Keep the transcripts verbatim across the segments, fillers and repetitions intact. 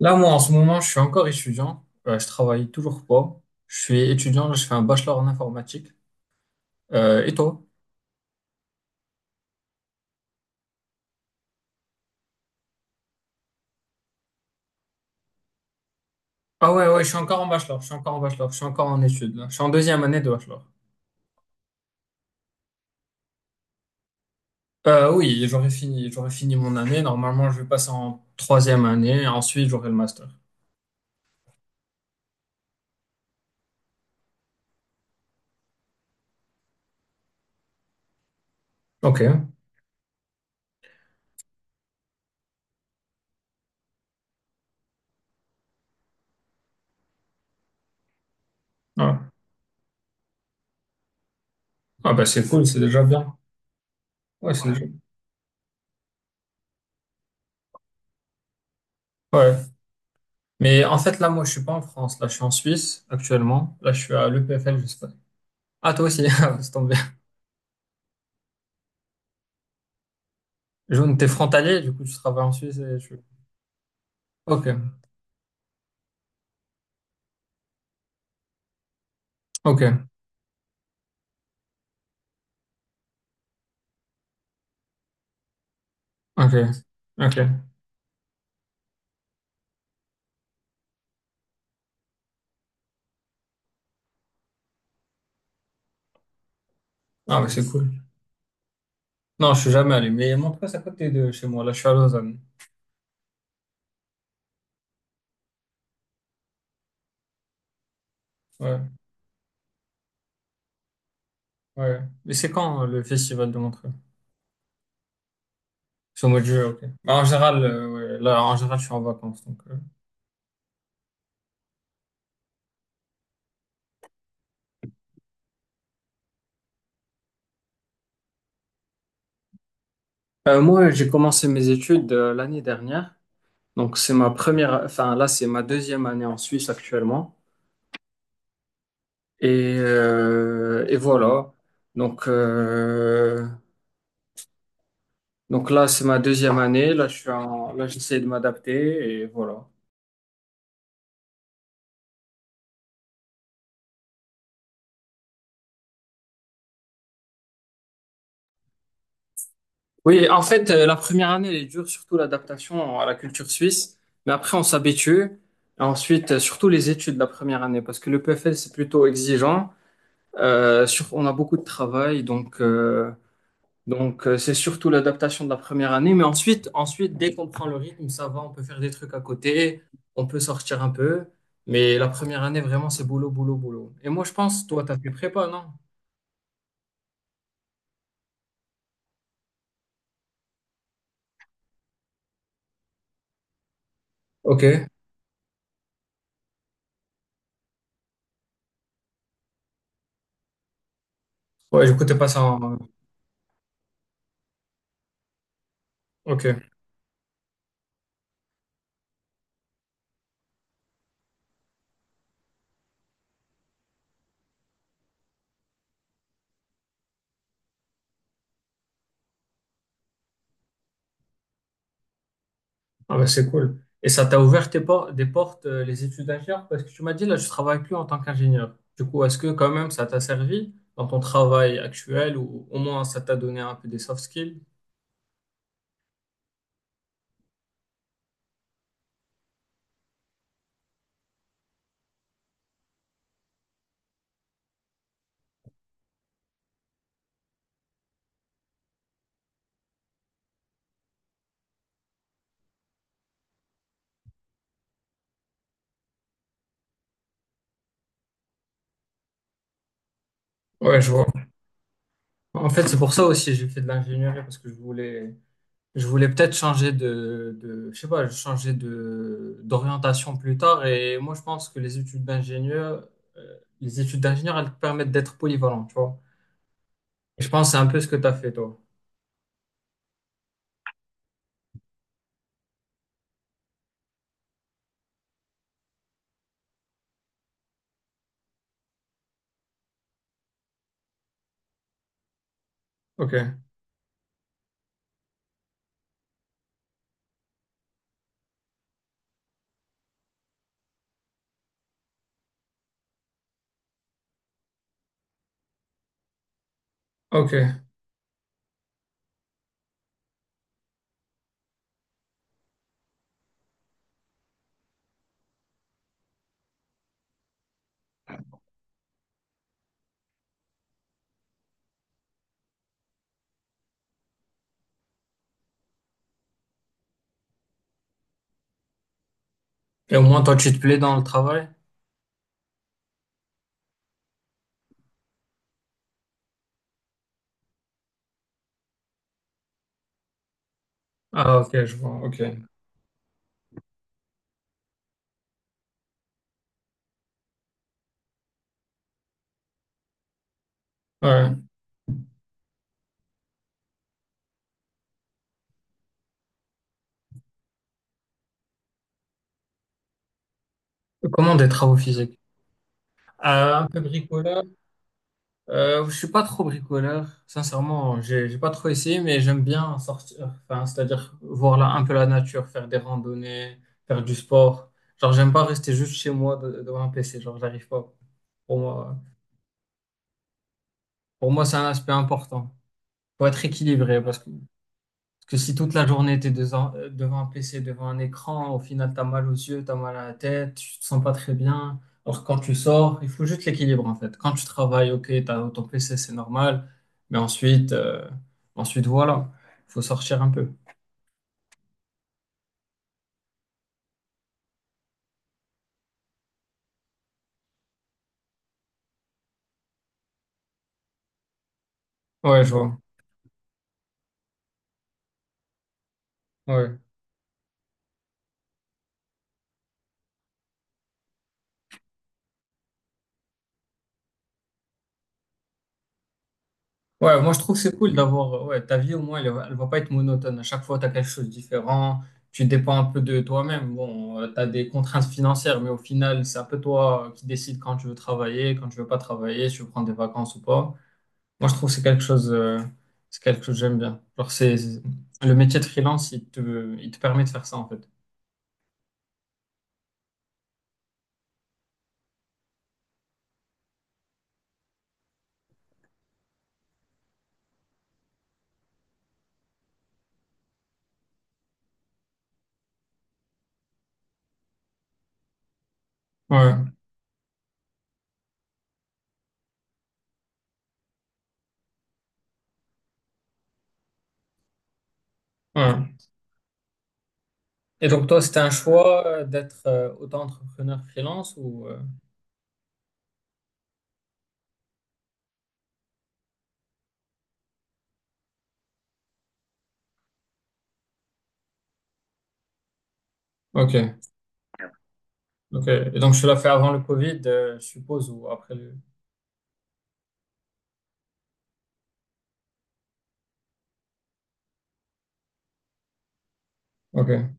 Là, moi, en ce moment, je suis encore étudiant. Euh, je travaille toujours pas. Je suis étudiant, là, je fais un bachelor en informatique. Euh, et toi? Ah ouais, ouais, je suis encore en bachelor, je suis encore en bachelor, je suis encore en études, là. Je suis en deuxième année de bachelor. Euh, oui, j'aurais fini, j'aurais fini mon année. Normalement, je vais passer en troisième année et Ensuite, j'aurai le master. Ok. Ah, Ah, bah, c'est cool, c'est déjà bien. Ouais, c'est déjà... Ouais. Mais en fait, là, moi, je suis pas en France. Là, je suis en Suisse, actuellement. Là, je suis à l'E P F L, je sais pas. Ah, toi aussi, Ah, c'est tombé. Jaune, t'es frontalier, du coup, tu travailles en Suisse et tu... Ok, ok, ok, ok. Ah, mais c'est cool. Non, je suis jamais allé, mais Montreux, c'est à côté de chez moi. Là, je suis à Lausanne. Ouais, ouais. Mais c'est quand euh, le festival de Montreux? C'est au mois de juillet, ok. Bah, en général, euh, ouais, là, en général, je suis en vacances, donc. euh, Euh, moi, j'ai commencé mes études euh, l'année dernière. Donc, c'est ma première, enfin, là, c'est ma deuxième année en Suisse actuellement. Et, euh, et voilà. Donc, euh, donc là, c'est ma deuxième année. Là, je suis en, là, j'essaie de m'adapter et voilà. Oui, en fait, euh, la première année, elle est dure, surtout l'adaptation à la culture suisse. Mais après, on s'habitue. Et Ensuite, euh, surtout les études de la première année, parce que le P F L, c'est plutôt exigeant. Euh, sur, on a beaucoup de travail, donc, euh, donc euh, c'est surtout l'adaptation de la première année. Mais ensuite, ensuite, dès qu'on prend le rythme, ça va, on peut faire des trucs à côté, on peut sortir un peu. Mais la première année, vraiment, c'est boulot, boulot, boulot. Et moi, je pense, toi, t'as fait prépa, non? Ok. Ouais, du coup, t'es passé en... Ok. Ah bah c'est cool. Et ça t'a ouvert tes por- des portes, euh, les études d'ingénieur, parce que tu m'as dit, là, je travaille plus en tant qu'ingénieur. Du coup, est-ce que quand même ça t'a servi dans ton travail actuel ou au moins ça t'a donné un peu des soft skills? Ouais, je vois. En fait, c'est pour ça aussi j'ai fait de l'ingénierie parce que je voulais, je voulais peut-être changer de, de, je sais pas, changer de, d'orientation plus tard. Et moi, je pense que les études d'ingénieur, euh, les études d'ingénieur, elles te permettent d'être polyvalent, tu vois. Et je pense que c'est un peu ce que tu as fait, toi. Ok, ok. Et au moins, toi, tu te plais dans le travail? Ah, ok, je vois, ok. Ouais. Comment des travaux physiques? Euh, un peu bricoleur. Euh, je suis pas trop bricoleur, sincèrement. J'ai, j'ai pas trop essayé, mais j'aime bien sortir. Enfin, c'est-à-dire voir là, un peu la nature, faire des randonnées, faire du sport. Genre, j'aime pas rester juste chez moi de- devant un P C. Genre, j'arrive pas. Pour moi, pour moi, c'est un aspect important. Faut être équilibré parce que que si toute la journée, tu es devant un P C, devant un écran, au final, tu as mal aux yeux, tu as mal à la tête, tu te sens pas très bien. Alors, quand tu sors, il faut juste l'équilibre, en fait. Quand tu travailles, ok, t'as as ton P C, c'est normal. Mais ensuite, euh, ensuite voilà, faut sortir un peu. Ouais, je vois. Ouais. Ouais, moi je trouve que c'est cool d'avoir, euh, ouais, ta vie au moins elle, va- elle va pas être monotone. À chaque fois, tu as quelque chose de différent, tu dépends un peu de toi-même. Bon, tu as des contraintes financières, mais au final, c'est un peu toi euh, qui décides quand tu veux travailler, quand tu veux pas travailler, si tu veux prendre des vacances ou pas. Moi je trouve que c'est quelque chose, euh, c'est quelque chose que j'aime bien. Genre, c'est, c'est- le métier de freelance, il te, il te permet de faire ça en fait. Ouais, ouais. Et donc toi, c'était un choix euh, d'être euh, auto-entrepreneur freelance ou... euh, Ok. Ok. Et donc, tu l'as fait avant le Covid, euh, je suppose, ou après le... Ok.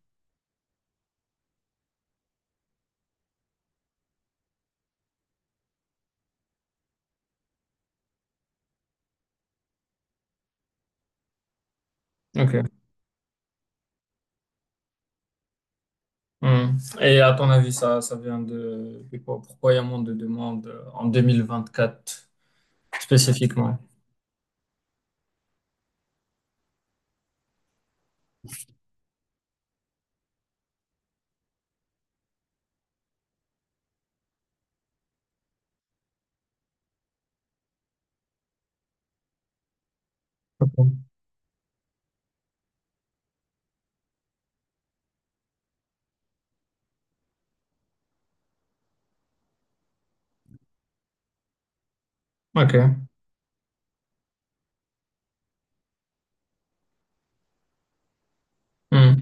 Ok. Hmm. Et à ton avis, ça, ça vient de... de quoi- Pourquoi il y a moins de demandes euh, en deux mille vingt-quatre spécifiquement? Ok. Hmm.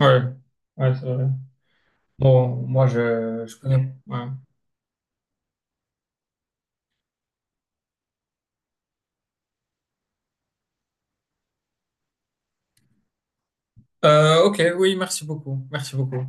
Ouais. Ouais, c'est vrai. Bon, moi, je, je connais. Ouais. Euh, ok, oui, merci beaucoup. Merci beaucoup.